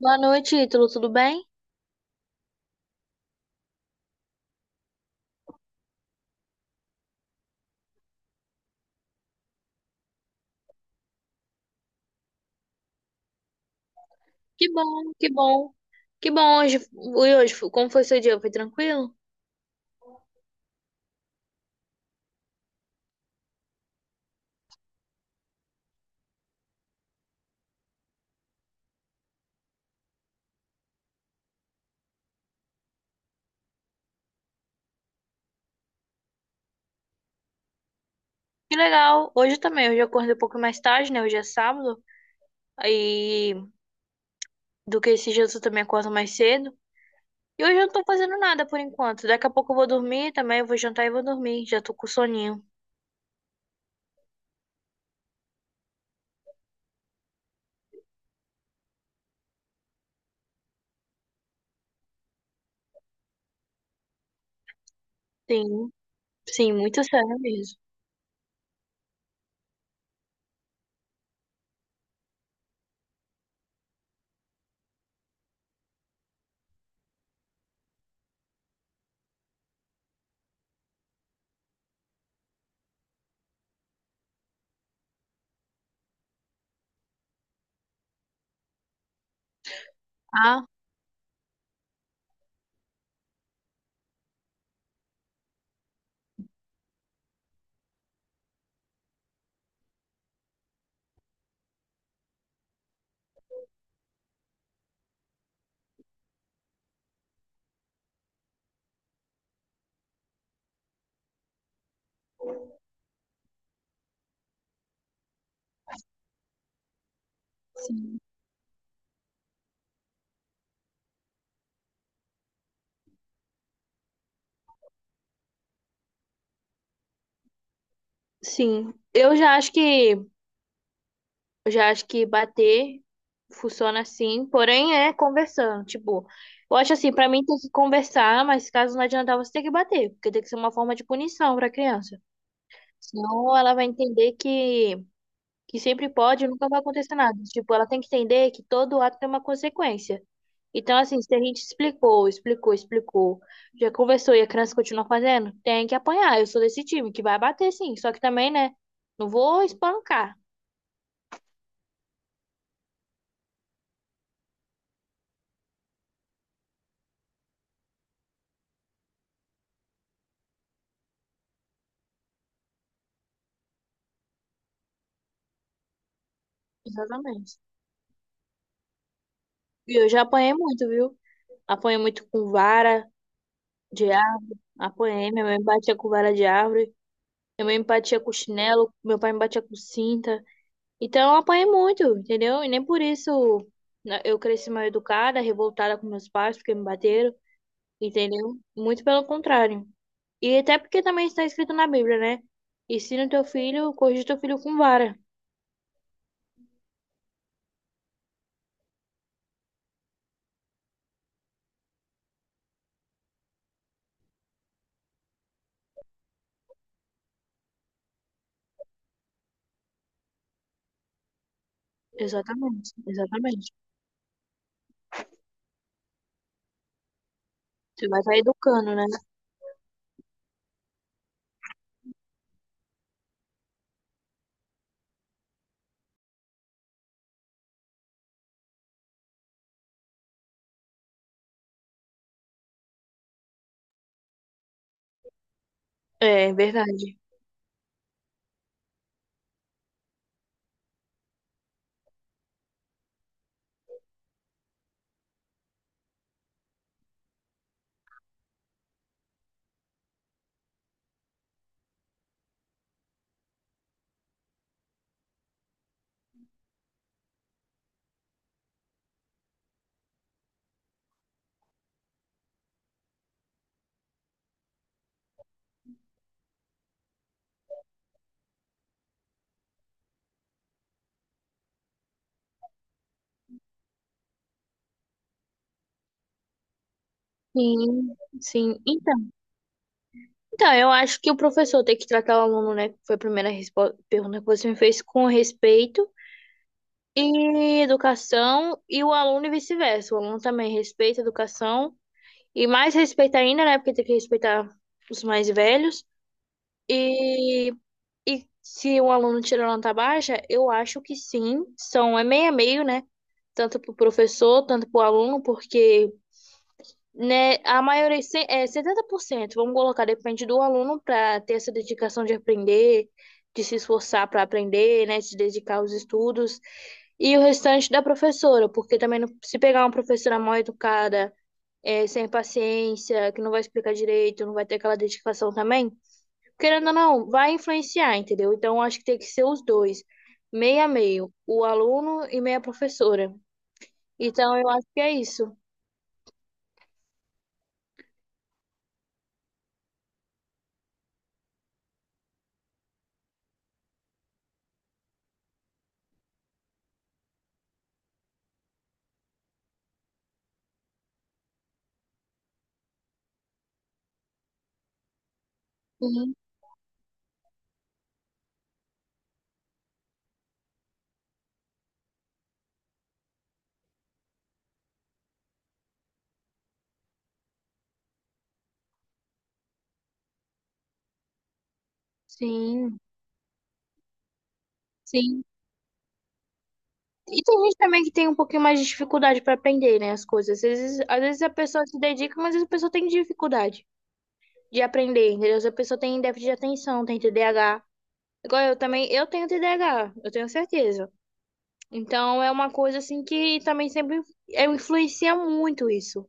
Boa noite, Ítalo, tudo bem? Que bom, que bom. Que bom hoje. E hoje, como foi seu dia? Foi tranquilo? Que legal. Hoje também, hoje eu acordei um pouco mais tarde, né? Hoje é sábado. Aí, do que esses dias eu também acordo mais cedo. E hoje eu não tô fazendo nada por enquanto. Daqui a pouco eu vou dormir também, eu vou jantar e vou dormir. Já tô com soninho. Sim, sim, muito sério mesmo. Ah, sim. Eu já acho que bater funciona assim, porém é conversando. Tipo, eu acho assim, pra mim tem que conversar, mas caso não adiantar, você tem que bater, porque tem que ser uma forma de punição pra criança. Senão ela vai entender que sempre pode e nunca vai acontecer nada. Tipo, ela tem que entender que todo ato tem uma consequência. Então, assim, se a gente explicou, já conversou e a criança continua fazendo, tem que apanhar. Eu sou desse time que vai bater sim, só que também, né? Não vou espancar. Exatamente. E eu já apanhei muito, viu? Apanhei muito com vara de árvore. Apanhei, minha mãe me batia com vara de árvore. Minha mãe me batia com chinelo. Meu pai me batia com cinta. Então eu apanhei muito, entendeu? E nem por isso né, eu cresci mal educada, revoltada com meus pais, porque me bateram, entendeu? Muito pelo contrário. E até porque também está escrito na Bíblia, né? Ensina o teu filho, corrige o teu filho com vara. Exatamente, exatamente. Você vai estar educando, né? É verdade. Sim, sim. Então, eu acho que o professor tem que tratar o aluno, né? que Foi a primeira pergunta que você me fez com respeito e educação, e o aluno e vice-versa. O aluno também respeita a educação, e mais respeito ainda, né? Porque tem que respeitar os mais velhos. E, e se o aluno tira nota baixa, eu acho que sim, são é meio a meio, né? Tanto para o professor, tanto para o aluno, porque. Né, a maioria, é 70% vamos colocar, depende do aluno para ter essa dedicação de aprender, de se esforçar para aprender, né, de se dedicar aos estudos, e o restante da professora, porque também se pegar uma professora mal educada, é, sem paciência, que não vai explicar direito, não vai ter aquela dedicação também, querendo ou não, vai influenciar, entendeu? Então acho que tem que ser os dois, meio a meio, o aluno e meia professora. Então eu acho que é isso. Sim, sim, sim. E tem gente também que tem um pouquinho mais de dificuldade para aprender, né, as coisas. Às vezes a pessoa se dedica, mas às vezes a pessoa tem dificuldade de aprender, entendeu? Às vezes a pessoa tem déficit de atenção, tem TDAH. Igual eu também, eu tenho TDAH, eu tenho certeza. Então é uma coisa assim que também sempre é, influencia muito isso,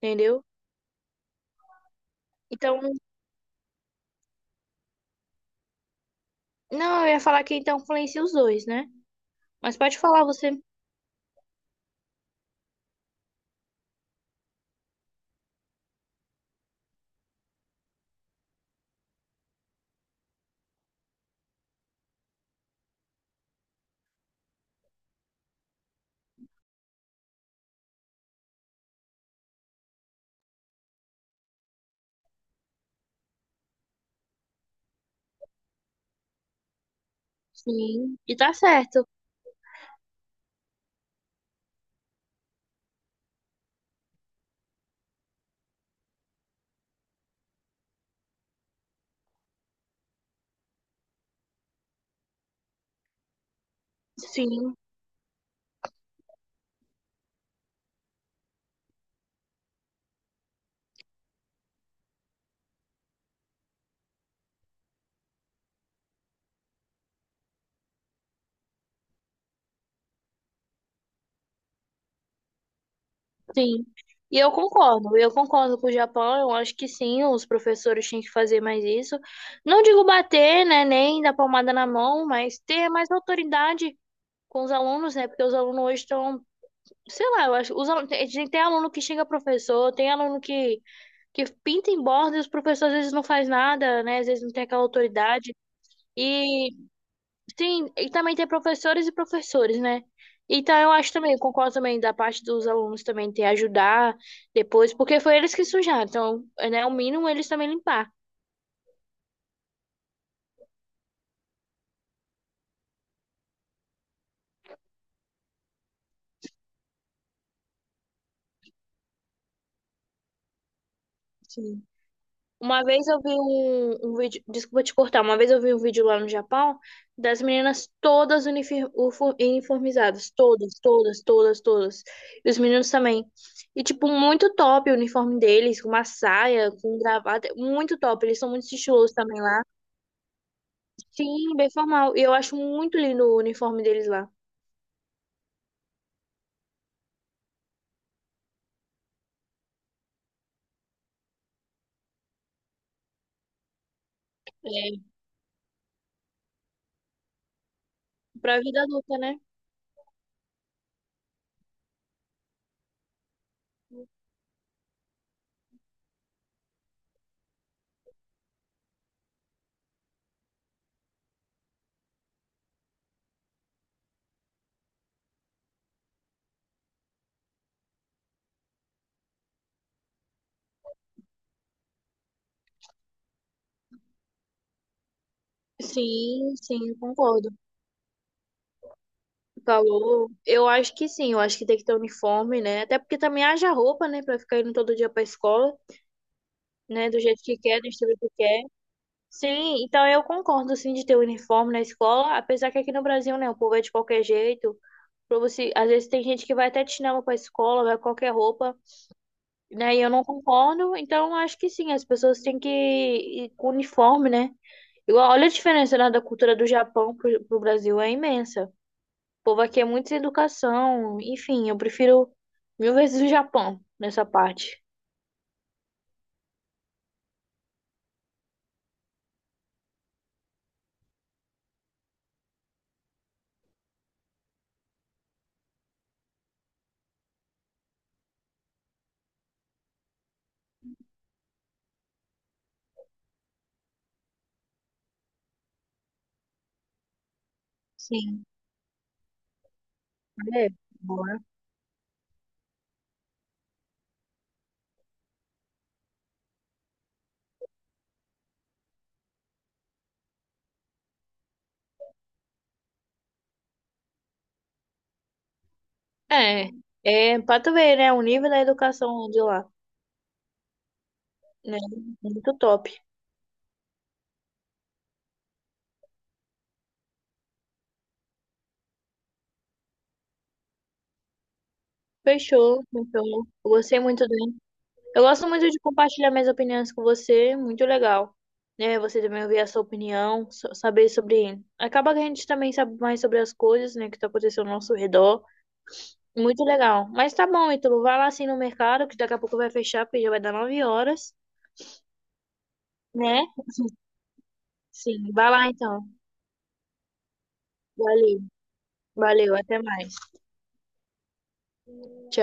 entendeu? Então, não, eu ia falar que então influencia os dois, né? Mas pode falar você. Sim, e tá certo. Sim. Sim. E eu concordo com o Japão, eu acho que sim, os professores tinham que fazer mais isso. Não digo bater, né, nem dar palmada na mão, mas ter mais autoridade com os alunos, né, porque os alunos hoje estão, sei lá, eu acho, os alunos, tem aluno que xinga professor, tem aluno que pinta em borda e os professores às vezes não faz nada, né, às vezes não tem aquela autoridade. Sim, e também tem professores e professores, né? Então eu acho também, eu concordo também da parte dos alunos também ter ajudar depois, porque foi eles que sujaram, então, né, o mínimo eles também limpar. Sim. Uma vez eu vi um, um vídeo, desculpa te cortar, uma vez eu vi um vídeo lá no Japão das meninas todas uniformizadas, todas, todas, todas, todas. E os meninos também. E, tipo, muito top o uniforme deles, com uma saia, com gravata, muito top. Eles são muito estilosos também lá. Sim, bem formal. E eu acho muito lindo o uniforme deles lá. É, pra vida adulta, né? Sim, sim, concordo. Calor. Eu acho que sim, eu acho que tem que ter uniforme, né? Até porque também haja roupa, né? Pra ficar indo todo dia pra escola, né? Do jeito que quer, do estilo que quer. Sim, então eu concordo, sim, de ter uniforme na escola. Apesar que aqui no Brasil, né? O povo é de qualquer jeito. Pra você... Às vezes tem gente que vai até de chinelo pra escola, vai com qualquer roupa, né? E eu não concordo. Então eu acho que sim, as pessoas têm que ir com uniforme, né? E olha a diferença, né, da cultura do Japão pro, pro Brasil, é imensa. O povo aqui é muito sem educação, enfim, eu prefiro mil vezes o Japão nessa parte. Sim. É, boa. É, é pra tu ver, né, o nível da educação de lá, né, muito top. Fechou, então, eu gostei muito dele. Eu gosto muito de compartilhar minhas opiniões com você, muito legal. Né, você também ouvir a sua opinião, saber sobre... Acaba que a gente também sabe mais sobre as coisas, né, que tá acontecendo ao nosso redor. Muito legal. Mas tá bom, Ítalo. Vai lá assim no mercado, que daqui a pouco vai fechar, porque já vai dar 9 horas, né? Sim, vai lá então. Valeu, valeu, até mais. Tchau.